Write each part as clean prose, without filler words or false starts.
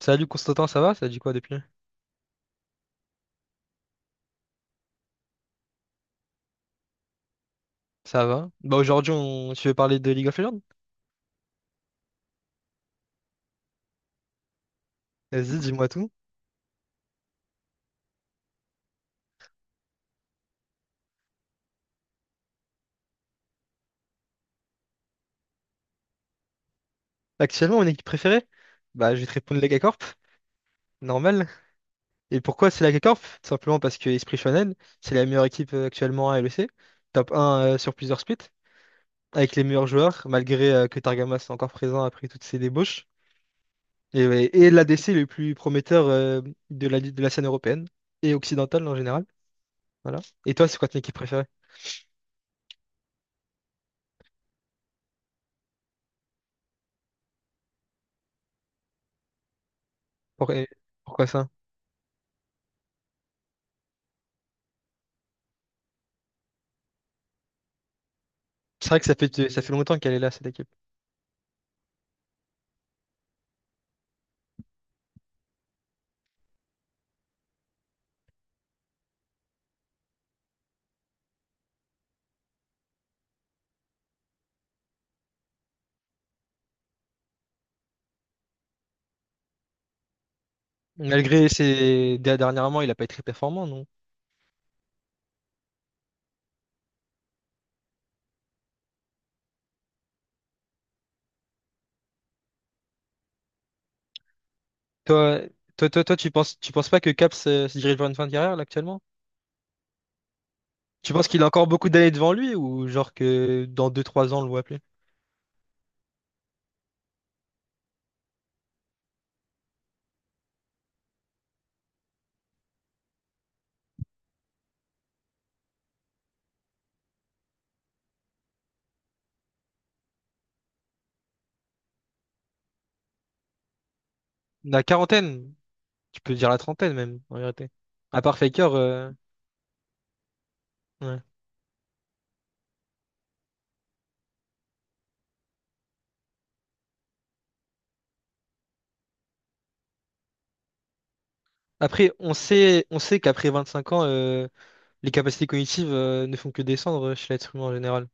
Salut Constantin, ça va? Ça a dit quoi depuis? Ça va. Bah aujourd'hui, tu veux parler de League of Legends? Vas-y, dis-moi tout. Actuellement, mon équipe préférée? Bah je vais te répondre Lega Corp. Normal. Et pourquoi c'est LegaCorp? Tout simplement parce que Esprit Shonen, c'est la meilleure équipe actuellement à LEC, top 1 sur plusieurs splits, avec les meilleurs joueurs, malgré que Targama soit encore présent après toutes ses débauches. Et, ouais, et l'ADC le plus prometteur de la scène européenne et occidentale en général. Voilà. Et toi, c'est quoi ton équipe préférée? Pour- et Pourquoi ça? C'est vrai que ça fait longtemps qu'elle est là, cette équipe. Dernièrement, il a pas été très performant, non? Toi, toi, tu penses pas que Cap se dirige vers une fin de carrière, là, actuellement? Tu penses qu'il a encore beaucoup d'années devant lui ou genre que dans 2-3 ans, on le voit appeler? La quarantaine, tu peux dire la trentaine même, en vérité. À part Faker, ouais. Après, on sait qu'après 25 ans, les capacités cognitives, ne font que descendre chez l'être humain en général.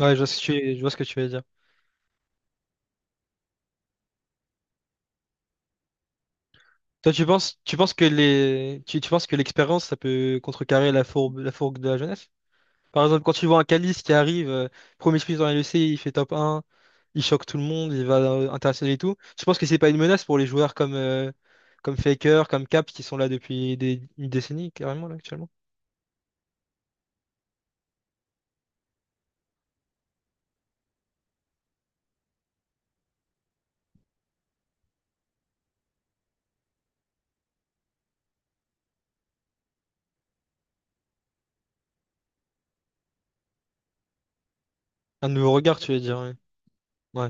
Ouais, je vois ce que tu, je vois ce que tu veux dire. Toi, tu penses que les, tu penses que l'expérience, ça peut contrecarrer la fourbe, la fourgue de la jeunesse? Par exemple, quand tu vois un Calice qui arrive, premier sprint dans l'UFC, il fait top 1, il choque tout le monde, il va international et tout. Je pense que c'est pas une menace pour les joueurs comme Faker, comme Cap, qui sont là depuis une décennie, carrément, là, actuellement. Un nouveau regard, tu veux dire, ouais. Ouais.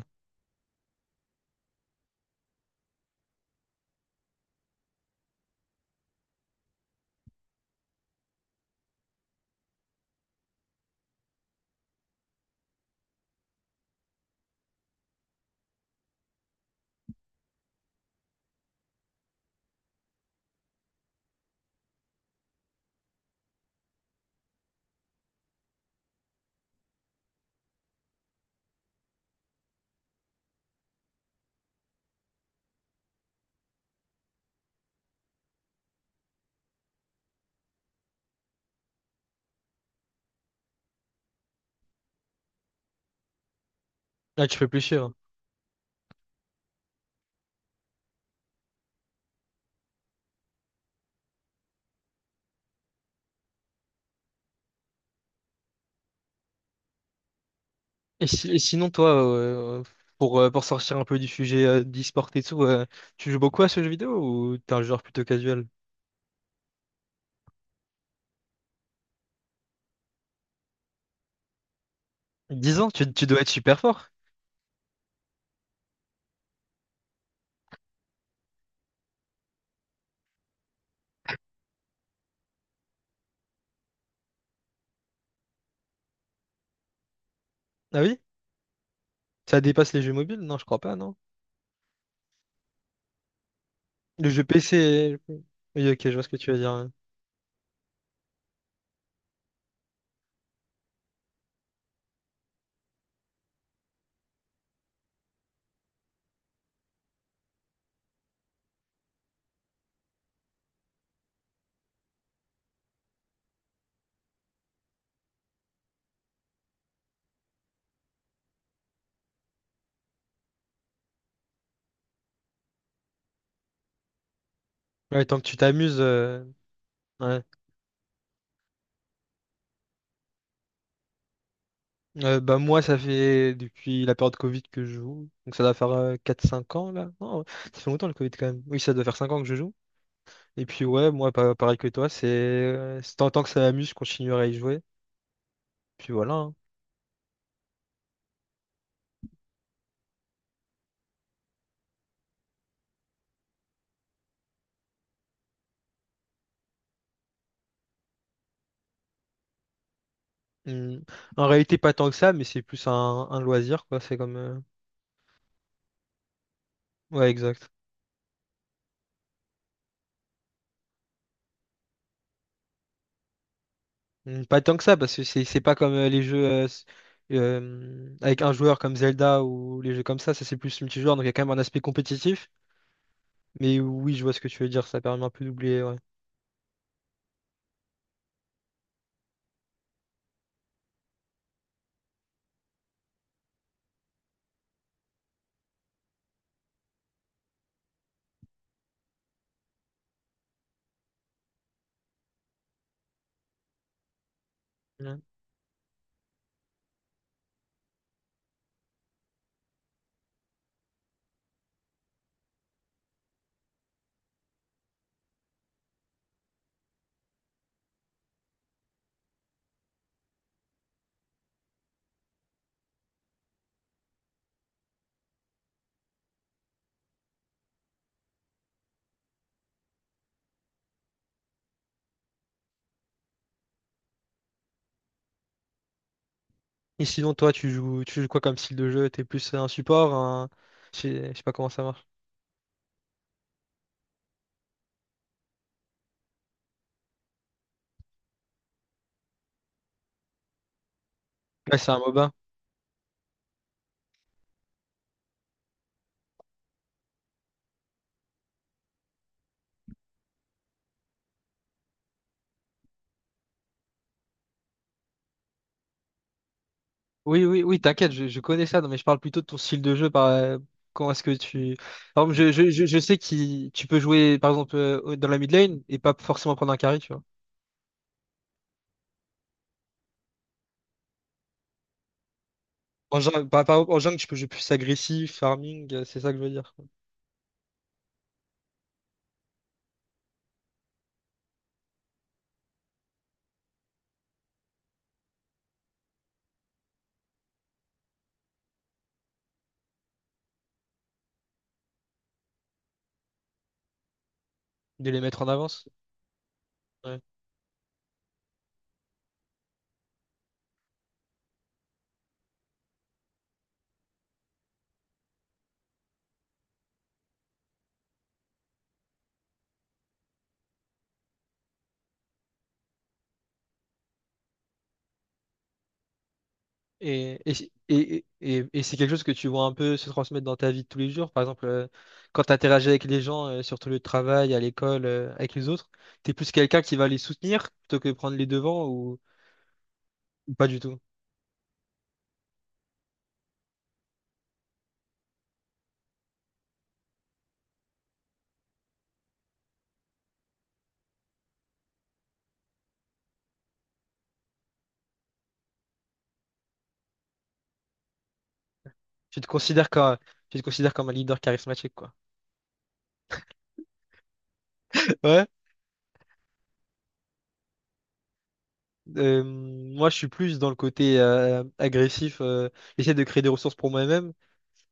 Là, tu peux plus chier. Et, si- et sinon, toi, pour sortir un peu du sujet d'e-sport et tout, tu joues beaucoup à ce jeu vidéo ou t'es un joueur plutôt casual? 10 ans, tu dois être super fort. Ah oui? Ça dépasse les jeux mobiles? Non, je crois pas, non. Le jeu PC. Oui, ok, je vois ce que tu veux dire. Hein. Ouais, tant que tu t'amuses. Ouais. Bah, moi, ça fait depuis la période Covid que je joue. Donc, ça doit faire 4-5 ans, là. Non, ça fait longtemps le Covid quand même. Oui, ça doit faire 5 ans que je joue. Et puis, ouais, moi, pareil que toi, c'est tant que ça m'amuse, je continuerai à y jouer. Puis voilà. Hein. Hum. En réalité, pas tant que ça, mais c'est plus un loisir, quoi. C'est comme. Ouais, exact. Pas tant que ça, parce que c'est pas comme les jeux avec un joueur comme Zelda ou les jeux comme ça c'est plus multijoueur, donc il y a quand même un aspect compétitif. Mais oui, je vois ce que tu veux dire, ça permet un peu d'oublier, ouais. Ouais. Et sinon, toi, tu joues quoi comme style de jeu? T'es plus un support, un. Je sais pas comment ça marche. Ouais, c'est un MOBA. Oui, oui, oui, t'inquiète, je connais ça, non, mais je parle plutôt de ton style de jeu, Comment est-ce que tu. Par exemple, je sais que tu peux jouer, par exemple, dans la mid lane et pas forcément prendre un carry, tu vois. En jungle, tu peux jouer plus agressif, farming, c'est ça que je veux dire, quoi. De les mettre en avance. Ouais. Et, si, et- c'est quelque chose que tu vois un peu se transmettre dans ta vie de tous les jours. Par exemple, quand tu interagis avec les gens sur ton lieu de travail, à l'école, avec les autres, tu es plus quelqu'un qui va les soutenir plutôt que prendre les devants ou pas du tout. Tu te considères comme, tu te considères comme un leader charismatique, quoi. Ouais. Moi, je suis plus dans le côté agressif, j'essaie de créer des ressources pour moi-même.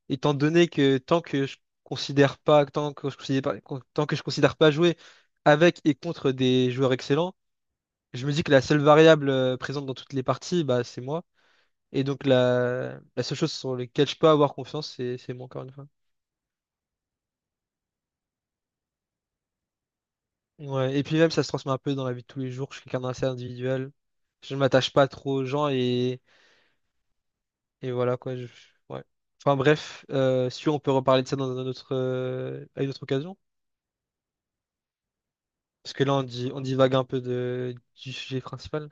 Étant donné que considère pas, tant que je considère pas, tant que je considère pas jouer avec et contre des joueurs excellents, je me dis que la seule variable présente dans toutes les parties, bah, c'est moi. Et donc la seule chose sur laquelle je peux avoir confiance, c'est moi encore une fois. Ouais. Et puis même ça se transmet un peu dans la vie de tous les jours. Je suis quelqu'un d'assez individuel. Je ne m'attache pas trop aux gens et voilà quoi. Ouais. Enfin bref, si on peut reparler de ça à une autre occasion. Parce que là, on divague un peu du sujet principal.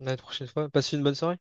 La prochaine fois. Passez une bonne soirée.